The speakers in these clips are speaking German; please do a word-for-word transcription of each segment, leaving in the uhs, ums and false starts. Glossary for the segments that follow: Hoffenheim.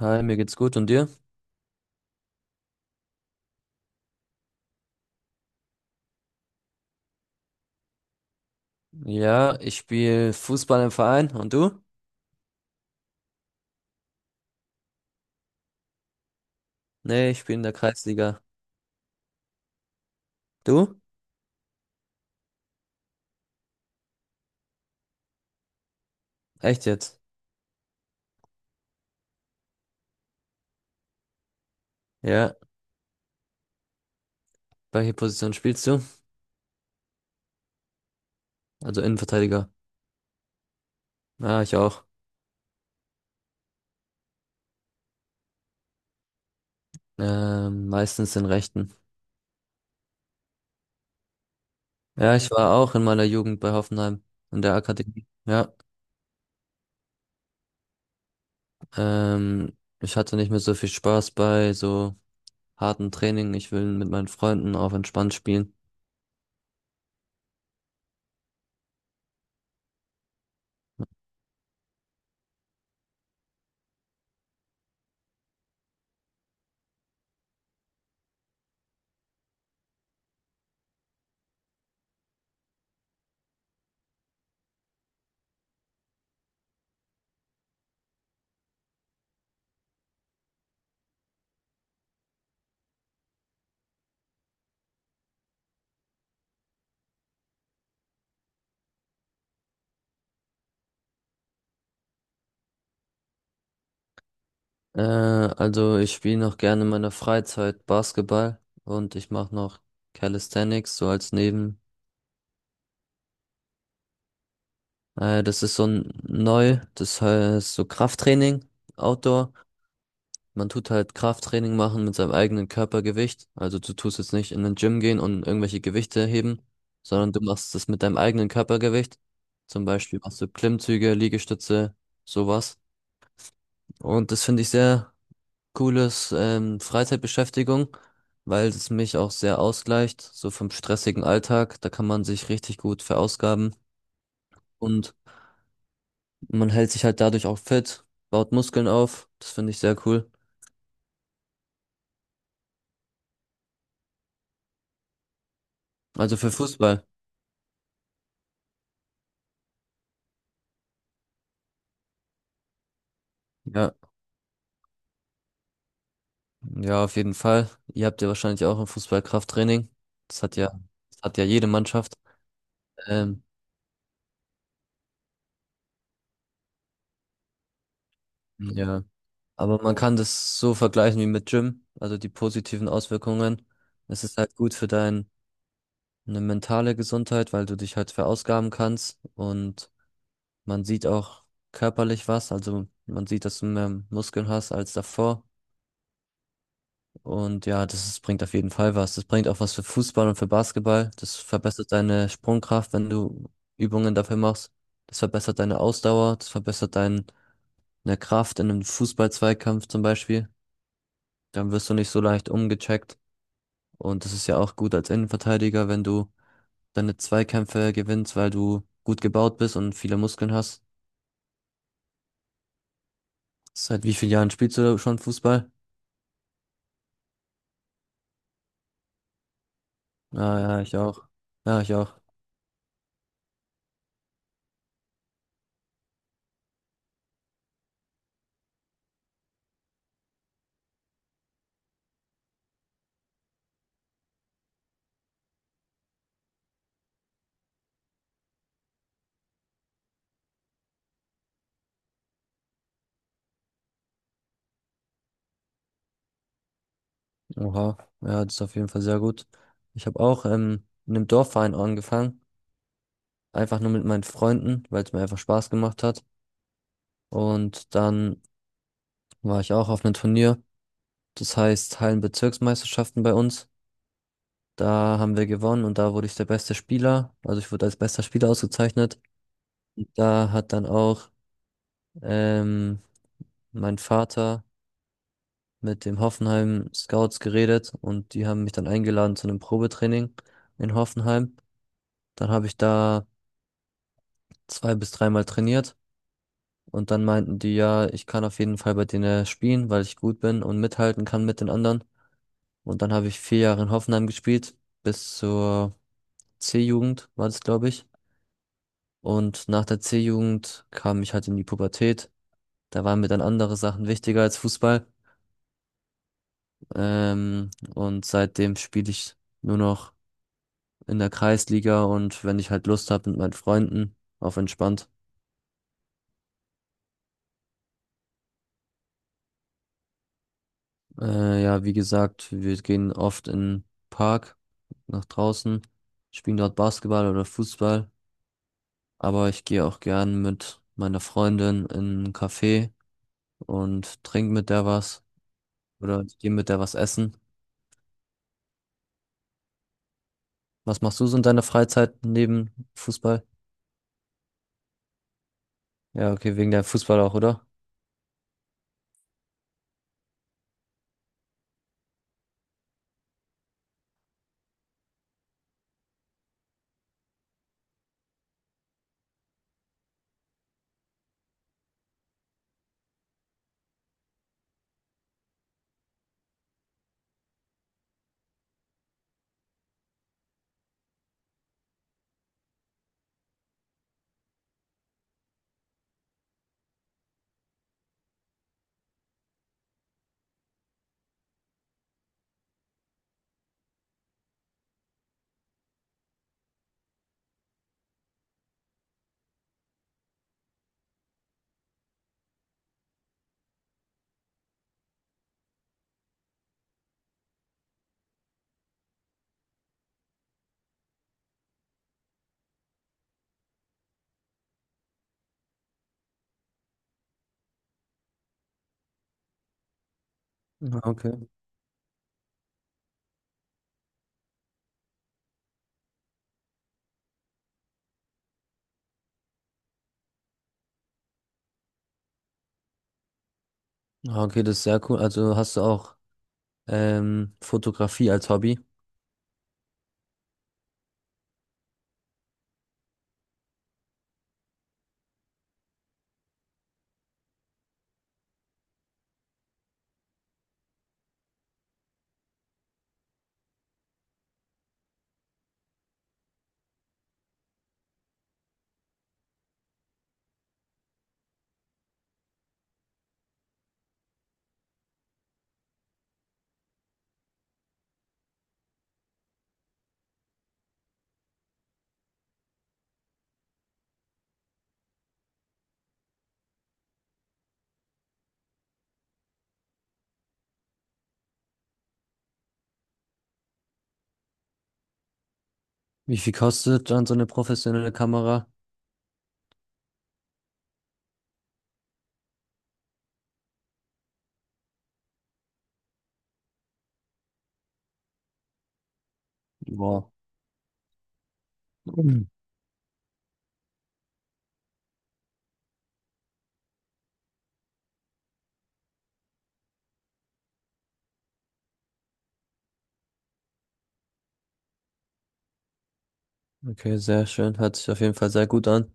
Hi, mir geht's gut und dir? Ja, ich spiele Fußball im Verein und du? Nee, ich spiele in der Kreisliga. Du? Echt jetzt? Ja, welche Position spielst du? Also Innenverteidiger. Ja, ich auch. Ähm, meistens den rechten. Ja, ich war auch in meiner Jugend bei Hoffenheim in der Akademie. Ja, ähm, ich hatte nicht mehr so viel Spaß bei so harten Training. Ich will mit meinen Freunden auf entspannt spielen. Äh, also ich spiele noch gerne in meiner Freizeit Basketball und ich mache noch Calisthenics so als Neben. Äh, das ist so n- neu, das heißt so Krafttraining, Outdoor. Man tut halt Krafttraining machen mit seinem eigenen Körpergewicht. Also du tust jetzt nicht in den Gym gehen und irgendwelche Gewichte heben, sondern du machst das mit deinem eigenen Körpergewicht. Zum Beispiel machst du Klimmzüge, Liegestütze, sowas. Und das finde ich sehr cooles ähm, Freizeitbeschäftigung, weil es mich auch sehr ausgleicht, so vom stressigen Alltag. Da kann man sich richtig gut verausgaben und man hält sich halt dadurch auch fit, baut Muskeln auf. Das finde ich sehr cool. Also für Fußball. Ja, ja, auf jeden Fall. Ihr habt ja wahrscheinlich auch ein Fußballkrafttraining. Das hat ja, das hat ja jede Mannschaft. Ähm, ja, aber man kann das so vergleichen wie mit Gym, also die positiven Auswirkungen. Es ist halt gut für dein eine mentale Gesundheit, weil du dich halt verausgaben kannst und man sieht auch körperlich was, also man sieht, dass du mehr Muskeln hast als davor. Und ja, das ist, bringt auf jeden Fall was. Das bringt auch was für Fußball und für Basketball. Das verbessert deine Sprungkraft, wenn du Übungen dafür machst. Das verbessert deine Ausdauer, das verbessert deine Kraft in einem Fußballzweikampf zum Beispiel. Dann wirst du nicht so leicht umgecheckt. Und das ist ja auch gut als Innenverteidiger, wenn du deine Zweikämpfe gewinnst, weil du gut gebaut bist und viele Muskeln hast. Seit wie vielen Jahren spielst du schon Fußball? Ah, ja, ich auch. Ja, ich auch. Oha. Ja, das ist auf jeden Fall sehr gut. Ich habe auch ähm, in einem Dorfverein angefangen. Einfach nur mit meinen Freunden, weil es mir einfach Spaß gemacht hat. Und dann war ich auch auf einem Turnier. Das heißt Hallenbezirksmeisterschaften bei uns. Da haben wir gewonnen und da wurde ich der beste Spieler. Also ich wurde als bester Spieler ausgezeichnet. Und da hat dann auch ähm, mein Vater mit dem Hoffenheim Scouts geredet und die haben mich dann eingeladen zu einem Probetraining in Hoffenheim. Dann habe ich da zwei bis dreimal trainiert und dann meinten die, ja, ich kann auf jeden Fall bei denen spielen, weil ich gut bin und mithalten kann mit den anderen. Und dann habe ich vier Jahre in Hoffenheim gespielt, bis zur C-Jugend war das, glaube ich. Und nach der C-Jugend kam ich halt in die Pubertät. Da waren mir dann andere Sachen wichtiger als Fußball. Ähm, und seitdem spiele ich nur noch in der Kreisliga und wenn ich halt Lust habe mit meinen Freunden, auf entspannt. Äh, ja, wie gesagt, wir gehen oft in den Park nach draußen, spielen dort Basketball oder Fußball, aber ich gehe auch gern mit meiner Freundin in einen Café und trinke mit der was oder ich gehe mit der was essen. Was machst du so in deiner Freizeit neben Fußball? Ja, okay, wegen der Fußball auch, oder? Ah, okay. Ah, okay, das ist sehr cool. Also hast du auch ähm, Fotografie als Hobby? Wie viel kostet dann so eine professionelle Kamera? Wow, mhm. Okay, sehr schön. Hört sich auf jeden Fall sehr gut an.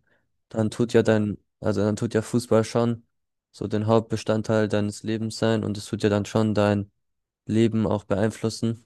Dann tut ja dein, Also dann tut ja Fußball schon so den Hauptbestandteil deines Lebens sein und es tut ja dann schon dein Leben auch beeinflussen.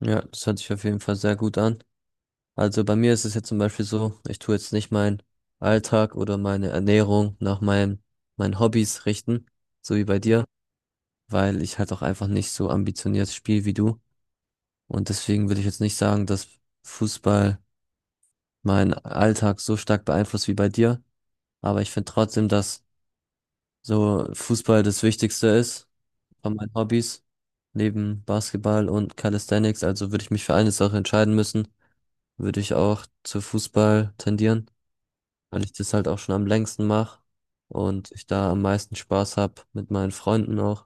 Ja, das hört sich auf jeden Fall sehr gut an. Also bei mir ist es jetzt zum Beispiel so, ich tue jetzt nicht meinen Alltag oder meine Ernährung nach meinem, meinen Hobbys richten, so wie bei dir, weil ich halt auch einfach nicht so ambitioniert spiele wie du. Und deswegen würde ich jetzt nicht sagen, dass Fußball meinen Alltag so stark beeinflusst wie bei dir. Aber ich finde trotzdem, dass so Fußball das Wichtigste ist von meinen Hobbys, neben Basketball und Calisthenics. Also würde ich mich für eine Sache entscheiden müssen, würde ich auch zu Fußball tendieren, weil ich das halt auch schon am längsten mache und ich da am meisten Spaß habe mit meinen Freunden auch.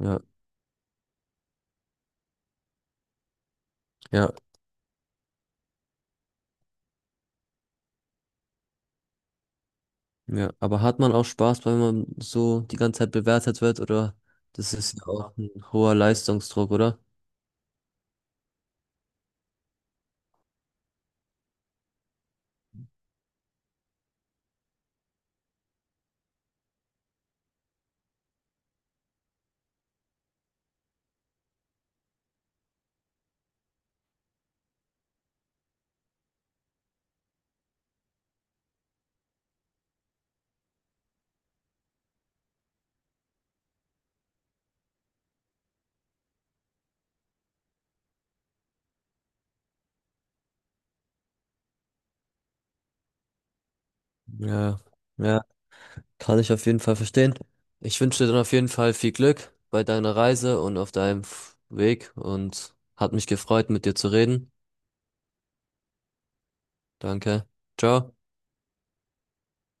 Ja, ja. Ja, aber hat man auch Spaß, wenn man so die ganze Zeit bewertet wird, oder? Das ist ja auch ein hoher Leistungsdruck, oder? Ja, ja, kann ich auf jeden Fall verstehen. Ich wünsche dir dann auf jeden Fall viel Glück bei deiner Reise und auf deinem F- Weg und hat mich gefreut, mit dir zu reden. Danke. Ciao.